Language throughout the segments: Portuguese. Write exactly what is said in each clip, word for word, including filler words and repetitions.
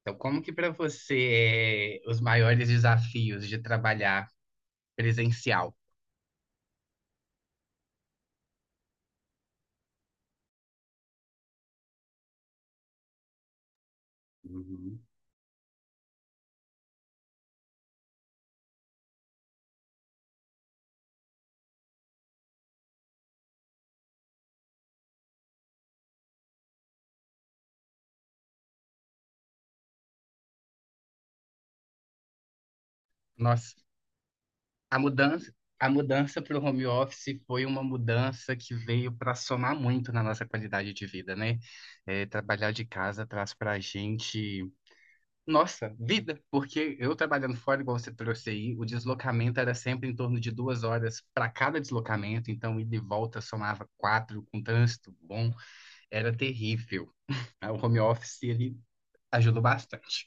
Então, como que para você é os maiores desafios de trabalhar presencial? Uhum. Nossa, a mudança, a mudança para o home office foi uma mudança que veio para somar muito na nossa qualidade de vida, né? É, trabalhar de casa traz para a gente, nossa, vida, porque eu trabalhando fora, igual você trouxe aí, o deslocamento era sempre em torno de duas horas para cada deslocamento, então ida e volta somava quatro, com trânsito bom, era terrível. O home office, ele ajudou bastante.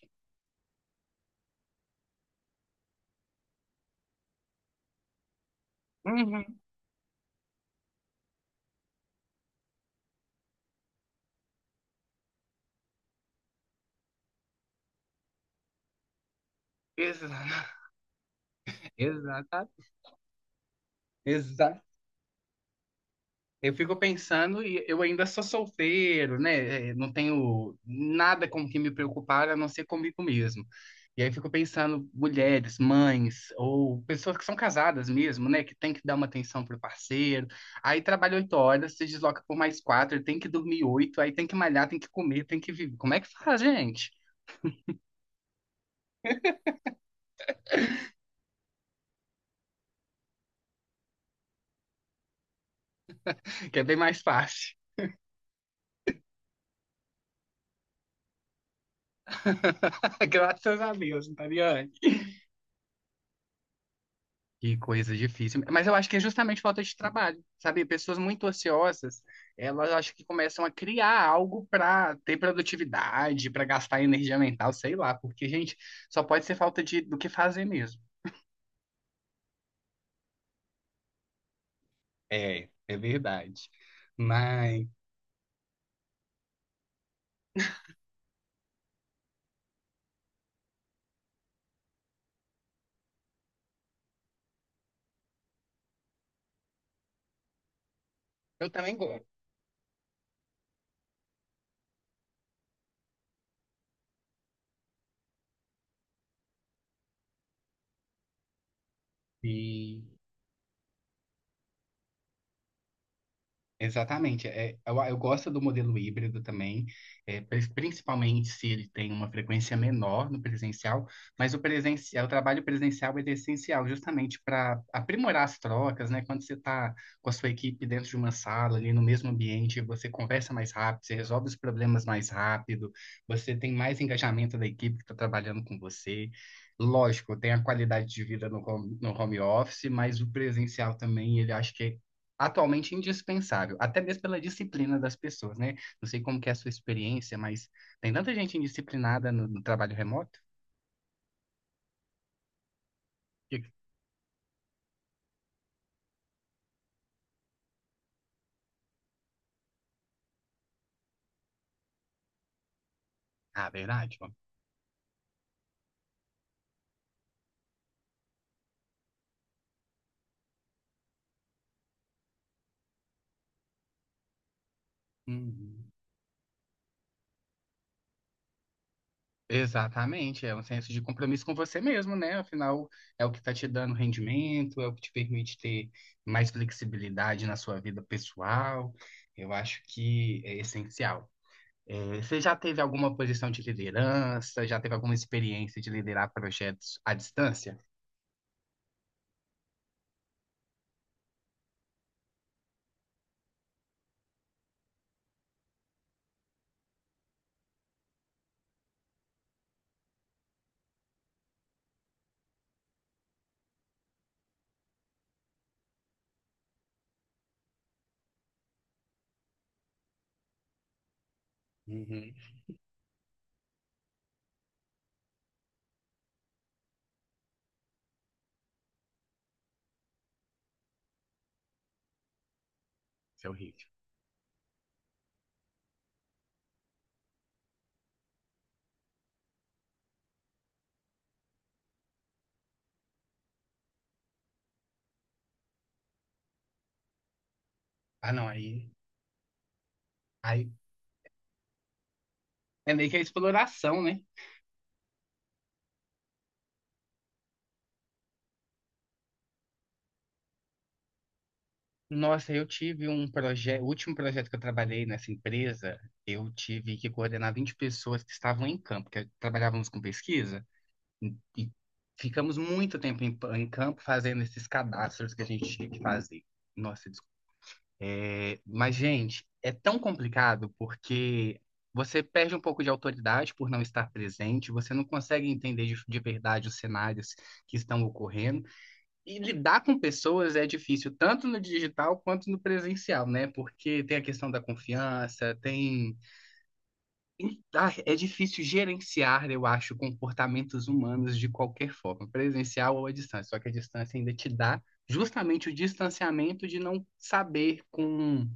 Uhum. Exa- Exata. Exato. Eu fico pensando e eu ainda sou solteiro, né? É, não tenho nada com que me preocupar a não ser comigo mesmo. E aí eu fico pensando, mulheres, mães, ou pessoas que são casadas mesmo, né? Que tem que dar uma atenção pro parceiro. Aí trabalha oito horas, se desloca por mais quatro, tem que dormir oito, aí tem que malhar, tem que comer, tem que viver. Como é que faz, gente? Que é bem mais fácil. Graças a Deus, não tá ligado? Que coisa difícil. Mas eu acho que é justamente falta de trabalho, sabe? Pessoas muito ociosas, elas acho que começam a criar algo para ter produtividade, para gastar energia mental, sei lá, porque, gente, só pode ser falta de, do que fazer mesmo. É, é verdade. Mas eu também gosto. Exatamente. É, eu, eu gosto do modelo híbrido também, é, pri- principalmente se ele tem uma frequência menor no presencial, mas o presencial, o trabalho presencial ele é essencial justamente para aprimorar as trocas, né? Quando você está com a sua equipe dentro de uma sala, ali no mesmo ambiente, você conversa mais rápido, você resolve os problemas mais rápido, você tem mais engajamento da equipe que está trabalhando com você. Lógico, tem a qualidade de vida no home, no home office, mas o presencial também, ele acho que é atualmente indispensável, até mesmo pela disciplina das pessoas, né? Não sei como que é a sua experiência, mas tem tanta gente indisciplinada no, no trabalho remoto. que- Ah, verdade, ó. Uhum. Exatamente, é um senso de compromisso com você mesmo, né? Afinal, é o que está te dando rendimento, é o que te permite ter mais flexibilidade na sua vida pessoal. Eu acho que é essencial. É, você já teve alguma posição de liderança? Já teve alguma experiência de liderar projetos à distância? Uhum. Isso é horrível. Ah, não, aí, aí é meio que a exploração, né? Nossa, eu tive um projeto, o último projeto que eu trabalhei nessa empresa, eu tive que coordenar vinte pessoas que estavam em campo, que trabalhávamos com pesquisa, e ficamos muito tempo em, em campo fazendo esses cadastros que a gente tinha que fazer. Nossa, desculpa. É, mas, gente, é tão complicado porque você perde um pouco de autoridade por não estar presente, você não consegue entender de de verdade os cenários que estão ocorrendo. E lidar com pessoas é difícil, tanto no digital quanto no presencial, né? Porque tem a questão da confiança, tem. tem- Ah, é difícil gerenciar, eu acho, comportamentos humanos de qualquer forma, presencial ou à distância. Só que a distância ainda te dá justamente o distanciamento de não saber com,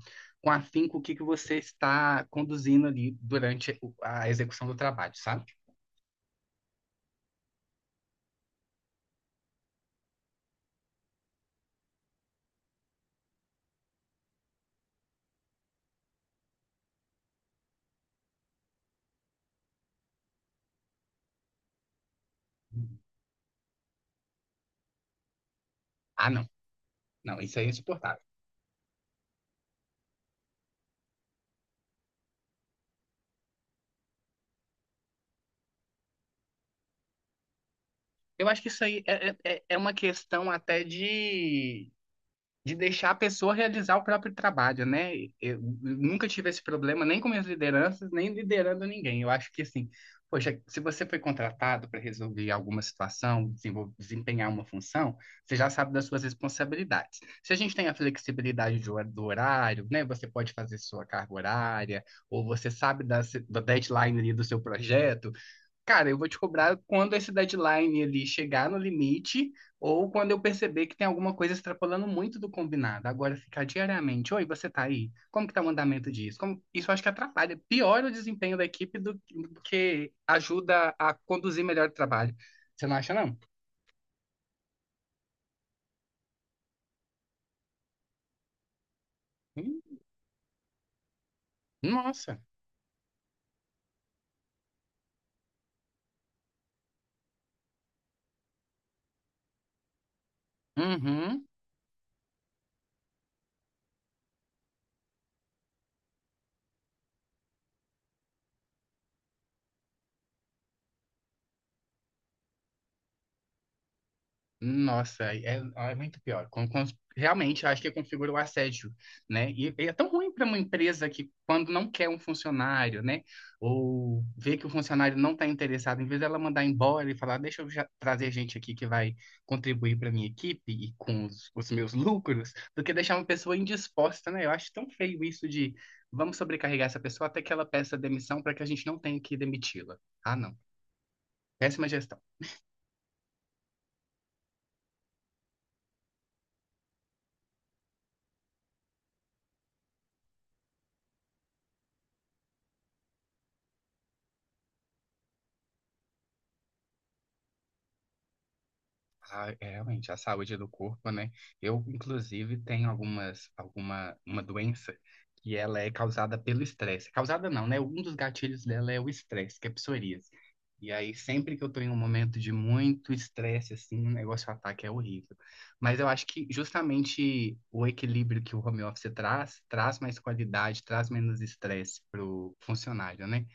com afinco o que que você está conduzindo ali durante o- a execução do trabalho, sabe? Ah, não. Não, isso aí é insuportável. Eu acho que isso aí é, é, é uma questão até de, de deixar a pessoa realizar o próprio trabalho, né? Eu nunca tive esse problema, nem com minhas lideranças, nem liderando ninguém. Eu acho que, assim, poxa, se você foi contratado para resolver alguma situação, desenvol- desempenhar uma função, você já sabe das suas responsabilidades. Se a gente tem a flexibilidade de hor- do horário, né? Você pode fazer sua carga horária, ou você sabe da, se- da deadline ali do seu projeto. Cara, eu vou te cobrar quando esse deadline ali chegar no limite ou quando eu perceber que tem alguma coisa extrapolando muito do combinado. Agora ficar diariamente, oi, você tá aí? Como que tá o andamento disso? Como... Isso eu acho que atrapalha, piora o desempenho da equipe do do que ajuda a conduzir melhor o trabalho. Você não acha, não? Hum. Nossa. Uhum. Nossa, é, é muito pior. Com- com- realmente, eu acho que configura o assédio, né? E, e é tão ruim para uma empresa que, quando não quer um funcionário, né? Ou vê que o funcionário não está interessado, em vez dela mandar embora e falar, deixa eu já trazer gente aqui que vai contribuir para minha equipe e com os, os meus lucros, do que deixar uma pessoa indisposta, né? Eu acho tão feio isso de vamos sobrecarregar essa pessoa até que ela peça demissão para que a gente não tenha que demiti-la. Ah, não. Péssima gestão. Ah, é, realmente, a saúde do corpo, né? Eu, inclusive, tenho algumas, alguma, uma doença que ela é causada pelo estresse. Causada não, né? Um dos gatilhos dela é o estresse, que é psoríase. E aí, sempre que eu tô em um momento de muito estresse, assim, o negócio ataca é horrível. Mas eu acho que justamente o equilíbrio que o home office traz, traz mais qualidade, traz menos estresse pro funcionário, né?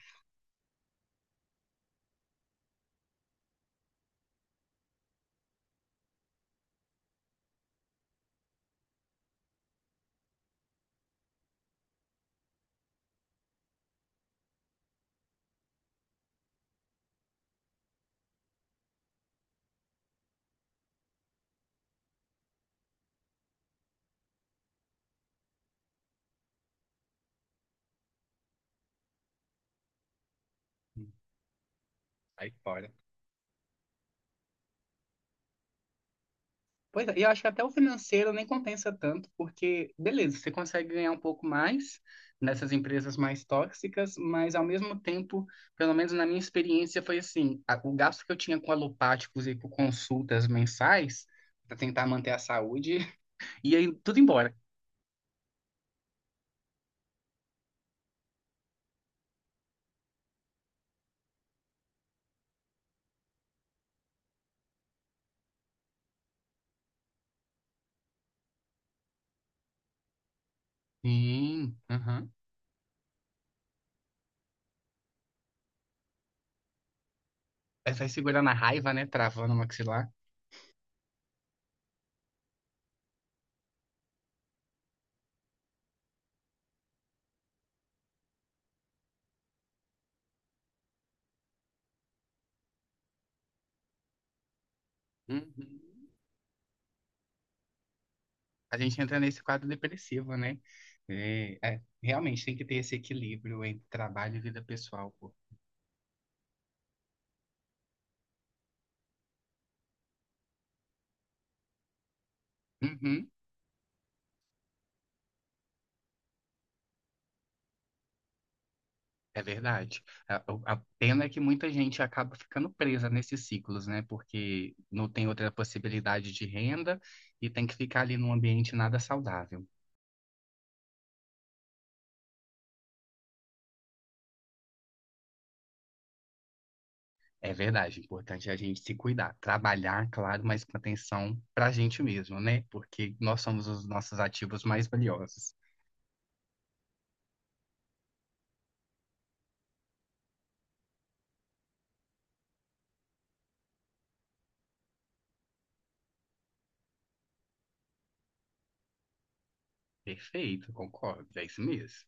Aí fora. Pois é, e eu acho que até o financeiro nem compensa tanto, porque, beleza, você consegue ganhar um pouco mais nessas empresas mais tóxicas, mas ao mesmo tempo, pelo menos na minha experiência, foi assim: a- o gasto que eu tinha com alopáticos e com consultas mensais, para tentar manter a saúde, ia in- tudo embora. Sim, aham. Aí sai segurando a raiva, né? Travando o maxilar. Uhum. A gente entra nesse quadro depressivo, né? É, é, realmente tem que ter esse equilíbrio entre trabalho e vida pessoal, pô. Uhum. É verdade. A, o- a pena é que muita gente acaba ficando presa nesses ciclos, né? Porque não tem outra possibilidade de renda e tem que ficar ali num ambiente nada saudável. É verdade, é importante é a gente se cuidar, trabalhar, claro, mas com atenção para a gente mesmo, né? Porque nós somos os nossos ativos mais valiosos. Perfeito, concordo, é isso mesmo.